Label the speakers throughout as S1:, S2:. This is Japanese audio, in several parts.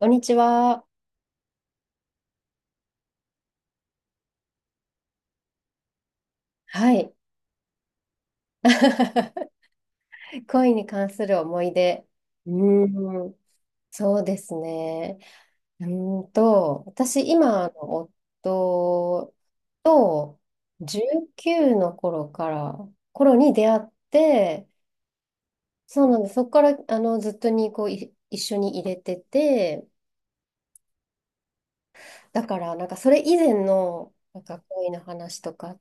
S1: こんにちは。はい。恋に関する思い出。うーん、そうですね。私、今の夫と19の頃から、頃に出会って、そうなんです。そこから、ずっとに、こう、一緒に入れてて、だから、なんか、それ以前の、なんか、恋の話とか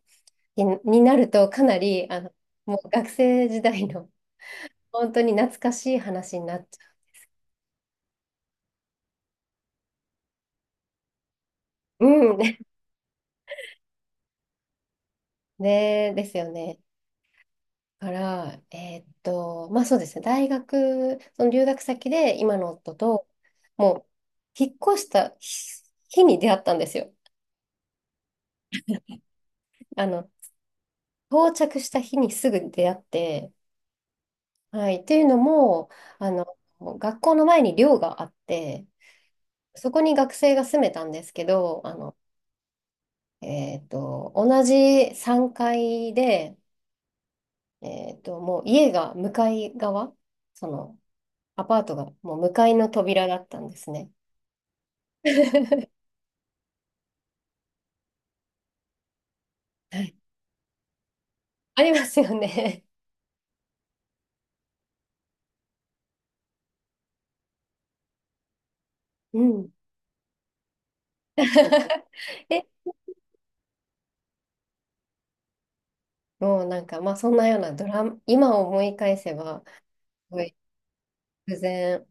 S1: になると、かなり、もう学生時代の本当に懐かしい話になっちゃう。うん。ね、ですよね。だから、まあそうですね。大学、その留学先で今の夫と、もう、引っ越した日に出会ったんですよ。あの、到着した日にすぐ出会って、はい。っていうのも、あの、学校の前に寮があって、そこに学生が住めたんですけど、同じ3階で、もう家が向かい側、そのアパートがもう向かいの扉だったんですね。はい。ありますよね。うん。え、もうなんか、まあそんなようなドラマ、今思い返せば、すごい偶然、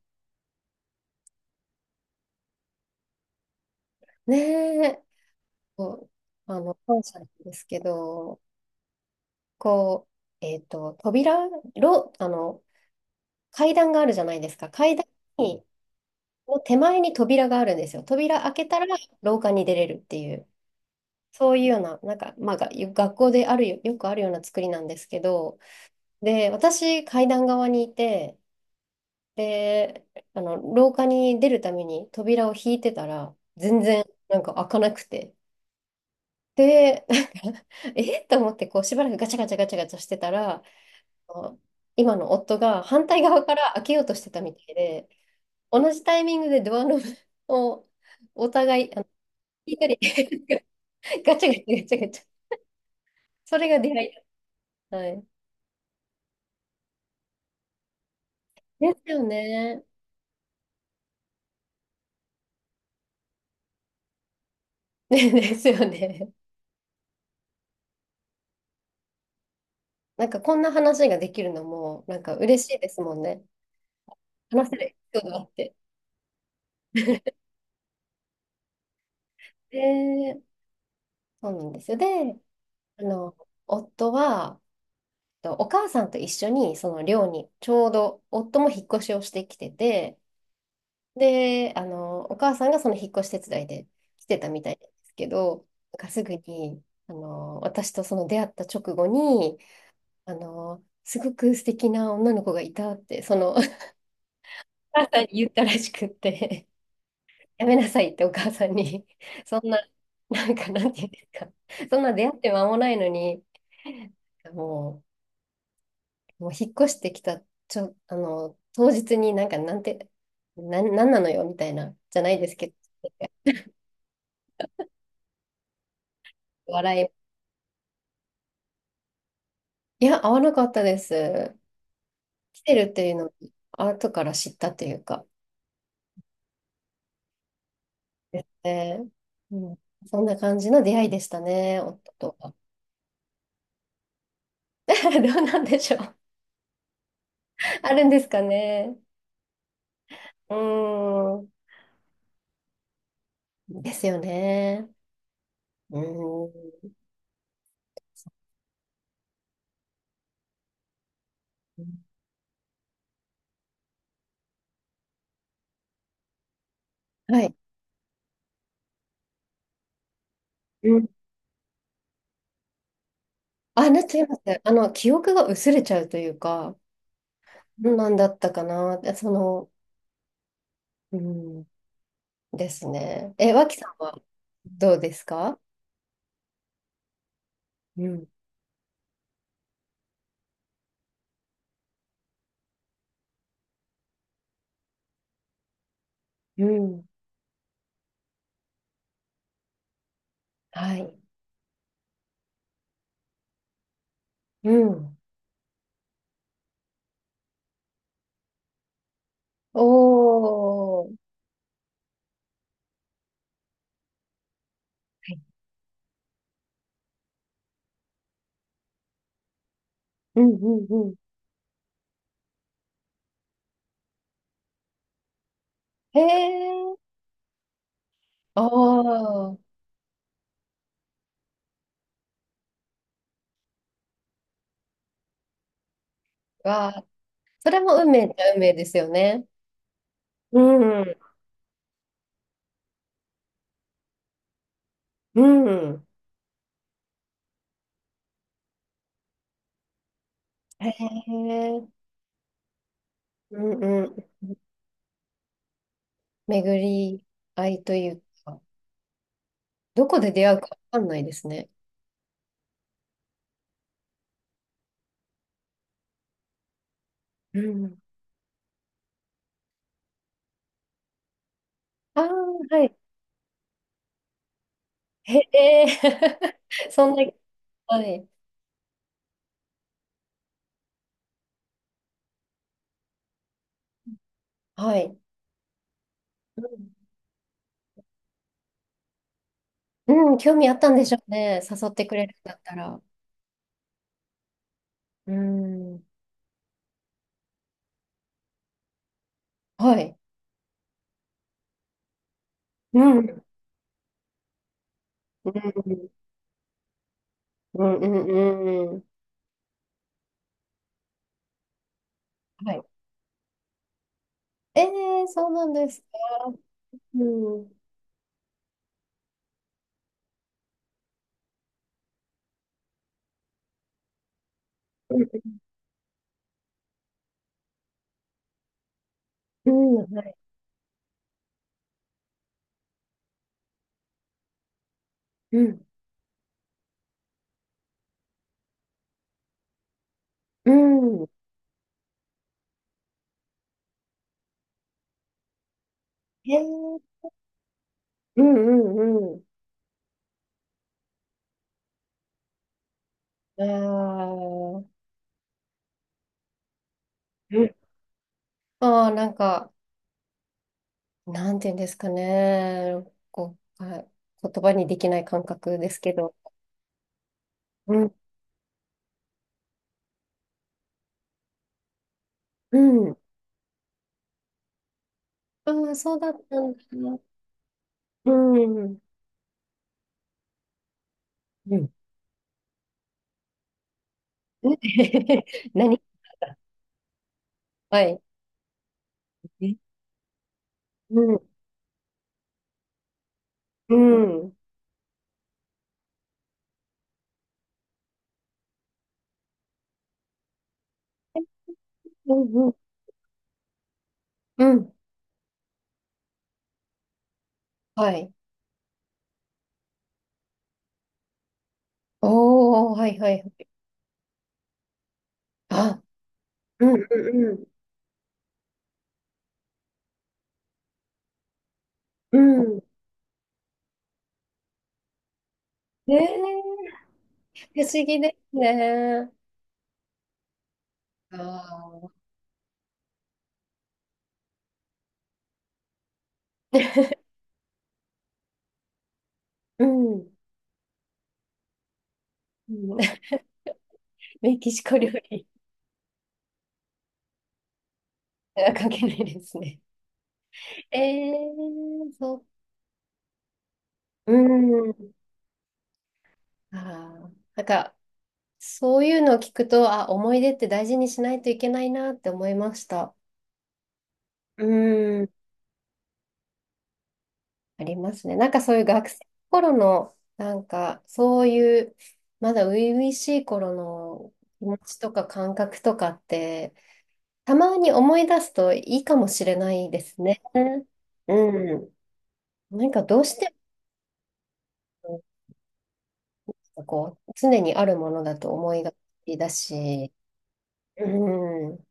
S1: ねえ、こう、感謝なんですけど、こう、えっと、扉、ろ、あの、階段があるじゃないですか。階段に、の手前に扉があるんですよ。扉開けたら廊下に出れるっていう。そういうような、なんか、まあ、が学校であるよ、よくあるような作りなんですけど、で、私、階段側にいて、で、廊下に出るために扉を引いてたら、全然、なんか開かなくて。で、んか えっと思って、こう、しばらくガチャガチャガチャガチャしてたら、あの今の夫が反対側から開けようとしてたみたいで、同じタイミングでドアノブをお互い、引いたり ガチャガチャガチャガチャ、それが出会いだ。はいですよね。ねですよね。なんかこんな話ができるのも、なんか嬉しいですもんね。話せるエピソードがあって。で、そうなんですよ。で、あの、夫は、とお母さんと一緒に、その寮に、ちょうど夫も引っ越しをしてきてて、で、お母さんがその引っ越し手伝いで来てたみたいなんですけど、なんかすぐに、私とその出会った直後に、すごく素敵な女の子がいたって、その母さんに言ったらしくって、やめなさいってお母さんに、そんな、なんか、なんていうんですか、そんな出会って間もないのに、ももう引っ越してきた、ちょ、あの、当日になんか、なんなのよ、みたいな、じゃないですけど、笑い。いや、会わなかったです。来てるっていうのを、後から知ったというか、ですね。うん、そんな感じの出会いでしたね、夫とは。どうなんでしょう。あるんですかね。うーん。ですよね。うーん。はい。うん。あ、なっちゃいますね。記憶が薄れちゃうというか、どんなんだったかな。でその、うん。ですね。え、脇さんはどうですか。うん。うん。はい。うん。おー。うんうんうん。へえ。おー。わあ。それも運命っちゃ運命ですよね。うん。うん。へえ。うんうん、巡り合いというか、どこで出会うかわかんないですね。うん。ああ、はい。へえ、そんな、はい。はい。うん、うん、興味あったんでしょうね。誘ってくれるんだったら。うん。はい。うん。うん。うん。うん。うん、はい。ええ、そうなんですか。うん。うん。うん。はい。うん。うん。へえ。うん。うん。うん。ああ。うん、ああ、なんか、なんていうんですかね。こう、はい、言葉にできない感覚ですけど。うん。うん。ああ、そうだったんだ。うん。うん。何はい。え、うん。うん。うん。うん。うん、はい。おー、はいはい。あ、うん。うん。うん。うん、ねえ、不思議ですね。ああ。うん。うん メキシコ料理。あ、関係ないですね。えー、そっ、うん。あー、なんか、そういうのを聞くと、あ、思い出って大事にしないといけないなって思いました。うん。ありますね。なんかそういう学生の頃の、なんか、そういう、まだ初々しい頃の気持ちとか感覚とかって、たまに思い出すといいかもしれないですね。うん。なんかどうしても、こう、常にあるものだと思いがちだし、うん。うん。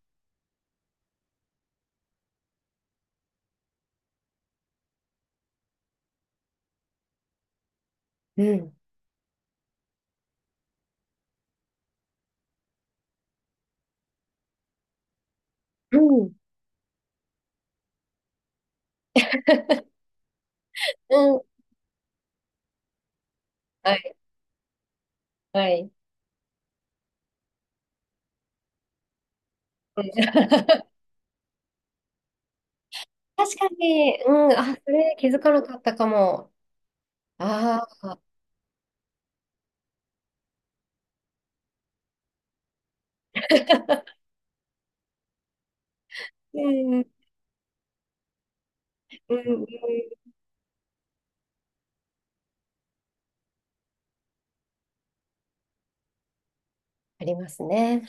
S1: うん。うん。はい、はい。うん 確かに、うん、あ、それ気づかなかったかも。ああ、うん、うん、うん、ありますね。